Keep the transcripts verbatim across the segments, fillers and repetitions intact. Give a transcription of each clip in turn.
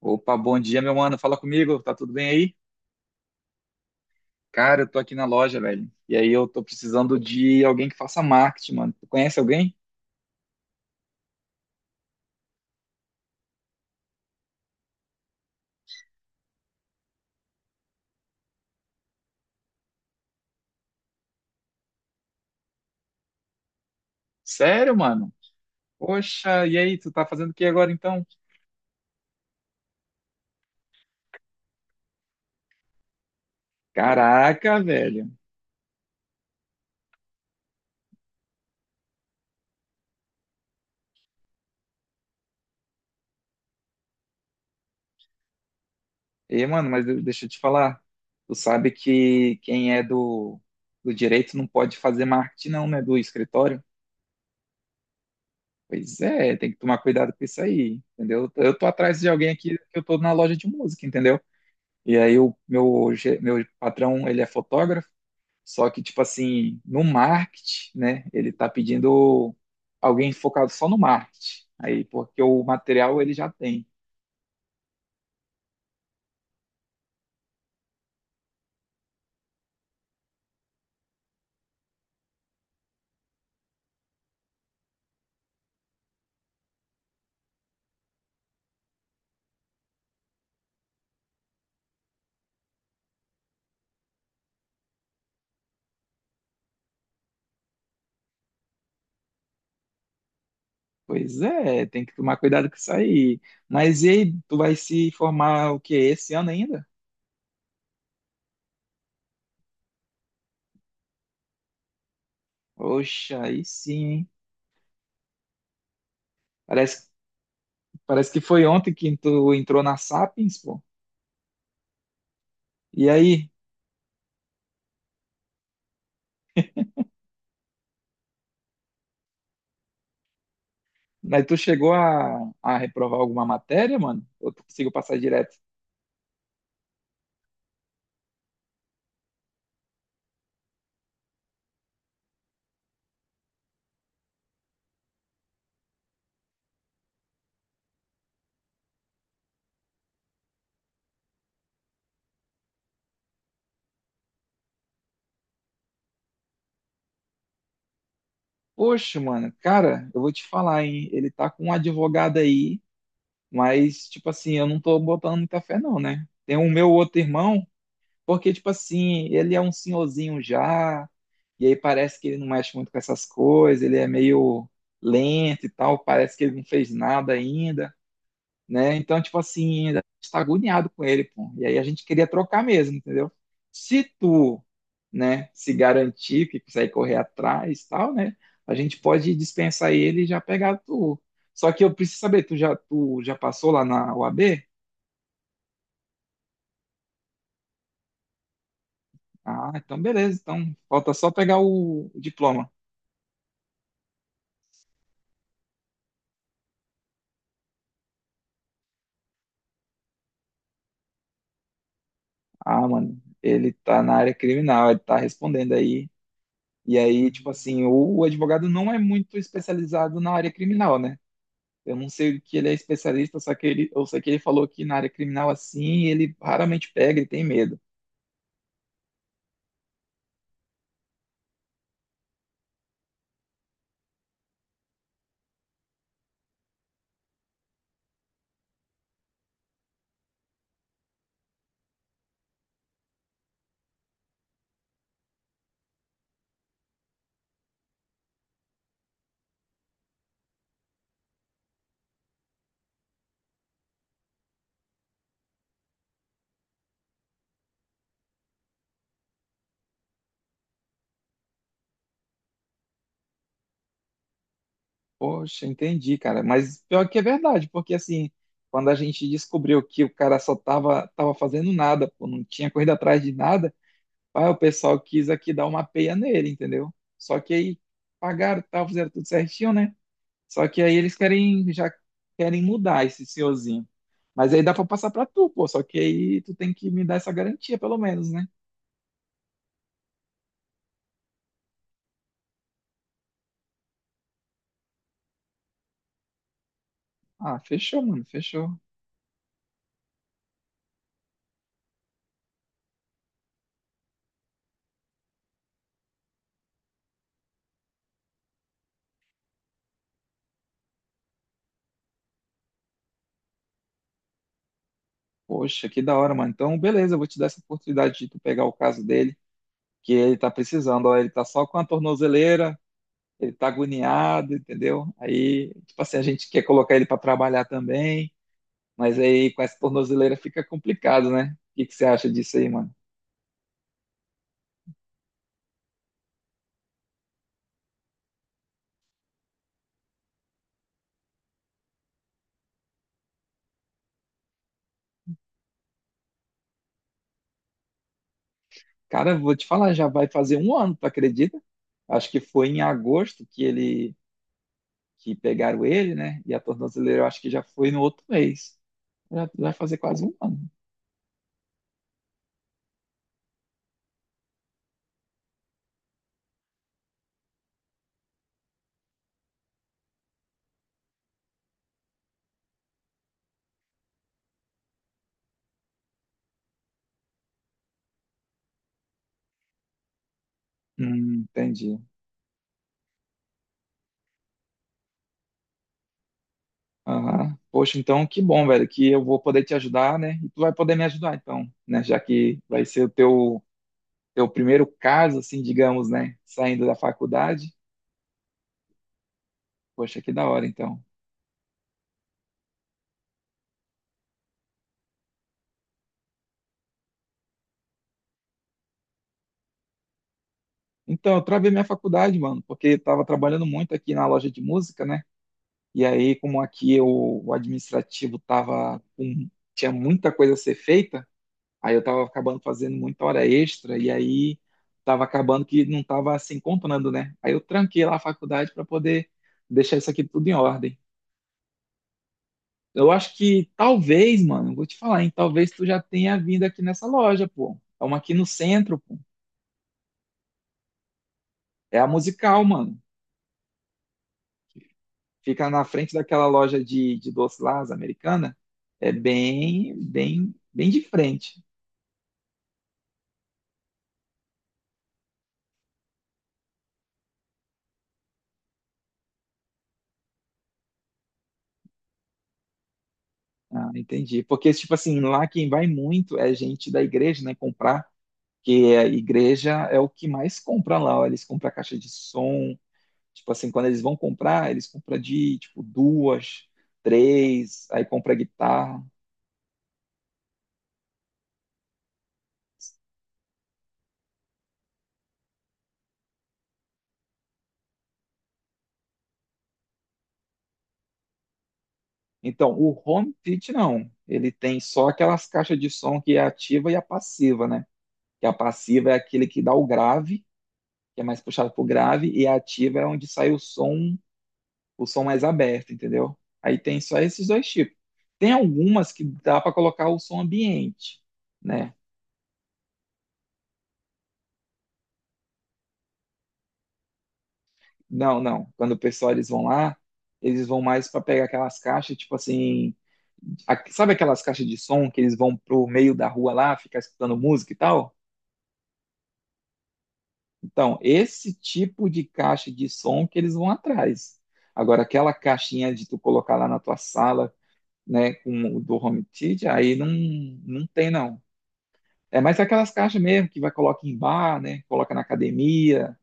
Opa, bom dia, meu mano. Fala comigo, tá tudo bem aí? Cara, eu tô aqui na loja, velho. E aí eu tô precisando de alguém que faça marketing, mano. Tu conhece alguém? Sério, mano? Poxa, e aí, tu tá fazendo o que agora então? Caraca, velho. E, mano, mas de- deixa eu te falar. Tu sabe que quem é do, do direito não pode fazer marketing, não, né? Do escritório. Pois é, tem que tomar cuidado com isso aí, entendeu? Eu tô atrás de alguém aqui que eu tô na loja de música, entendeu? E aí o meu, ge- meu patrão, ele é fotógrafo. Só que, tipo assim, no marketing, né, ele tá pedindo alguém focado só no marketing. Aí, porque o material ele já tem. Pois é, tem que tomar cuidado com isso aí. Mas e aí, tu vai se formar o quê? Esse ano ainda? Poxa, aí sim, hein? Parece, Parece que foi ontem que tu entrou na Sapiens, pô. E aí? Mas tu chegou a, a reprovar alguma matéria, mano? Ou tu conseguiu passar direto? Poxa, mano, cara, eu vou te falar, hein? Ele tá com um advogado aí. Mas, tipo assim, eu não tô botando muita fé, não, né? Tem o meu outro irmão, porque, tipo assim, ele é um senhorzinho já, e aí parece que ele não mexe muito com essas coisas, ele é meio lento e tal, parece que ele não fez nada ainda, né? Então, tipo assim, a gente tá agoniado com ele, pô. E aí a gente queria trocar mesmo, entendeu? Se tu, né, se garantir que consegue correr atrás e tal, né? A gente pode dispensar ele e já pegar tu. Só que eu preciso saber, tu já, tu já passou lá na U A B? Ah, então beleza. Então, falta só pegar o, o diploma. Ah, mano, ele tá na área criminal, ele tá respondendo aí. E aí, tipo assim, o, o advogado não é muito especializado na área criminal, né? Eu não sei o que ele é especialista, só que ele, eu sei que ele falou que na área criminal assim, ele raramente pega e tem medo. Poxa, entendi, cara. Mas pior que é verdade, porque assim, quando a gente descobriu que o cara só tava, tava fazendo nada, pô, não tinha corrido atrás de nada, aí o pessoal quis aqui dar uma peia nele, entendeu? Só que aí pagaram, tal, fizeram tudo certinho, né? Só que aí eles querem, já querem mudar esse senhorzinho. Mas aí dá pra passar pra tu, pô. Só que aí tu tem que me dar essa garantia, pelo menos, né? Ah, fechou, mano, fechou. Poxa, que da hora, mano. Então, beleza, eu vou te dar essa oportunidade de tu pegar o caso dele, que ele tá precisando, ó, ele tá só com a tornozeleira, ele tá agoniado, entendeu? Aí, tipo assim, a gente quer colocar ele pra trabalhar também, mas aí com essa tornozeleira fica complicado, né? O que que você acha disso aí, mano? Cara, vou te falar, já vai fazer um ano, tu acredita? Acho que foi em agosto que ele, que pegaram ele, né? E a tornozeleira eu acho que já foi no outro mês. Já já vai fazer quase um ano. Hum, entendi. Aham. Poxa, então que bom, velho, que eu vou poder te ajudar, né? E tu vai poder me ajudar, então, né? Já que vai ser o teu, teu primeiro caso, assim, digamos, né? Saindo da faculdade. Poxa, que da hora, então. Então, eu travei minha faculdade, mano, porque eu tava trabalhando muito aqui na loja de música, né? E aí, como aqui eu, o administrativo tava com, tinha muita coisa a ser feita. Aí eu tava acabando fazendo muita hora extra e aí tava acabando que não tava assim contando, né? Aí eu tranquei lá a faculdade para poder deixar isso aqui tudo em ordem. Eu acho que talvez, mano, vou te falar, hein? Talvez tu já tenha vindo aqui nessa loja, pô. É uma aqui no centro, pô. É a Musical, mano. Fica na frente daquela loja de, de doce lá, as americana. É bem, bem, bem de frente. Ah, entendi. Porque, tipo assim, lá quem vai muito é gente da igreja, né? Comprar. Que a igreja é o que mais compra lá, ó. Eles compram caixa de som, tipo assim, quando eles vão comprar, eles compram de tipo duas, três, aí compra guitarra. Então, o home theater não. Ele tem só aquelas caixas de som que é a ativa e a passiva, né? Que a passiva é aquele que dá o grave, que é mais puxado pro grave, e a ativa é onde sai o som, o som mais aberto, entendeu? Aí tem só esses dois tipos. Tem algumas que dá para colocar o som ambiente, né? Não, não. Quando o pessoal eles vão lá, eles vão mais para pegar aquelas caixas, tipo assim, a- sabe aquelas caixas de som que eles vão pro meio da rua lá, ficar escutando música e tal? Então, esse tipo de caixa de som que eles vão atrás. Agora, aquela caixinha de tu colocar lá na tua sala, né, com o do home theater, aí não, não tem não. É mais aquelas caixas mesmo que vai colocar em bar, né, coloca na academia,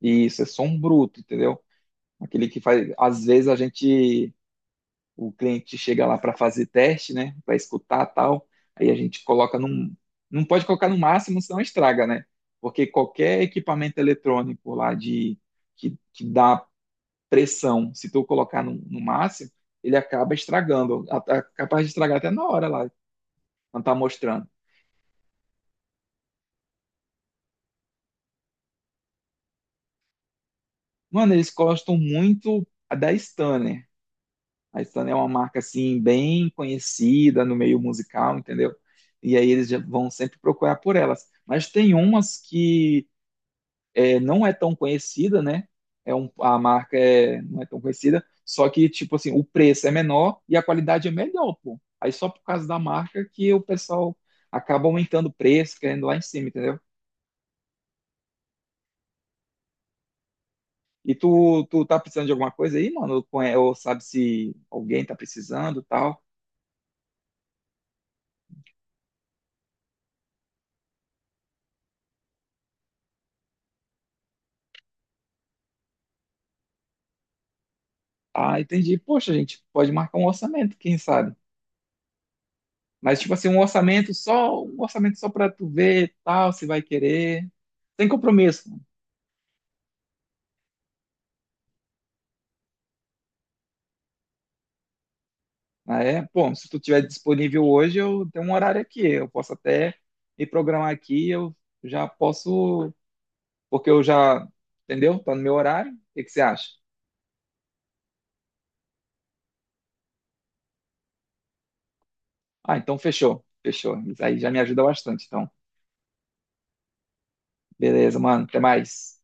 e isso é som bruto, entendeu? Aquele que faz, às vezes a gente o cliente chega lá para fazer teste, né? Para escutar tal. Aí a gente coloca num. Não pode colocar no máximo, senão estraga, né? Porque qualquer equipamento eletrônico lá de que, que dá pressão, se tu colocar no, no máximo, ele acaba estragando, a- a- capaz de estragar até na hora lá, quando tá mostrando. Mano, eles gostam muito da Stanner. A Stanner é uma marca assim bem conhecida no meio musical, entendeu? E aí eles já vão sempre procurar por elas. Mas tem umas que é, não é tão conhecida, né? É um, a marca é, não é tão conhecida, só que, tipo assim, o preço é menor e a qualidade é melhor, pô. Aí só por causa da marca que o pessoal acaba aumentando o preço, querendo lá em cima, entendeu? E tu, tu tá precisando de alguma coisa aí, mano? Ou conhe- ou sabe se alguém tá precisando, tal? Ah, entendi. Poxa, gente, pode marcar um orçamento, quem sabe? Mas tipo assim, um orçamento só, um orçamento só para tu ver, tal, se vai querer. Sem compromisso. Ah, é? Bom, se tu tiver disponível hoje, eu tenho um horário aqui. Eu posso até me programar aqui, eu já posso, porque eu já, entendeu? Tá no meu horário. O que que você acha? Ah, então fechou. Fechou. Isso aí já me ajuda bastante. Então, beleza, mano. Até mais.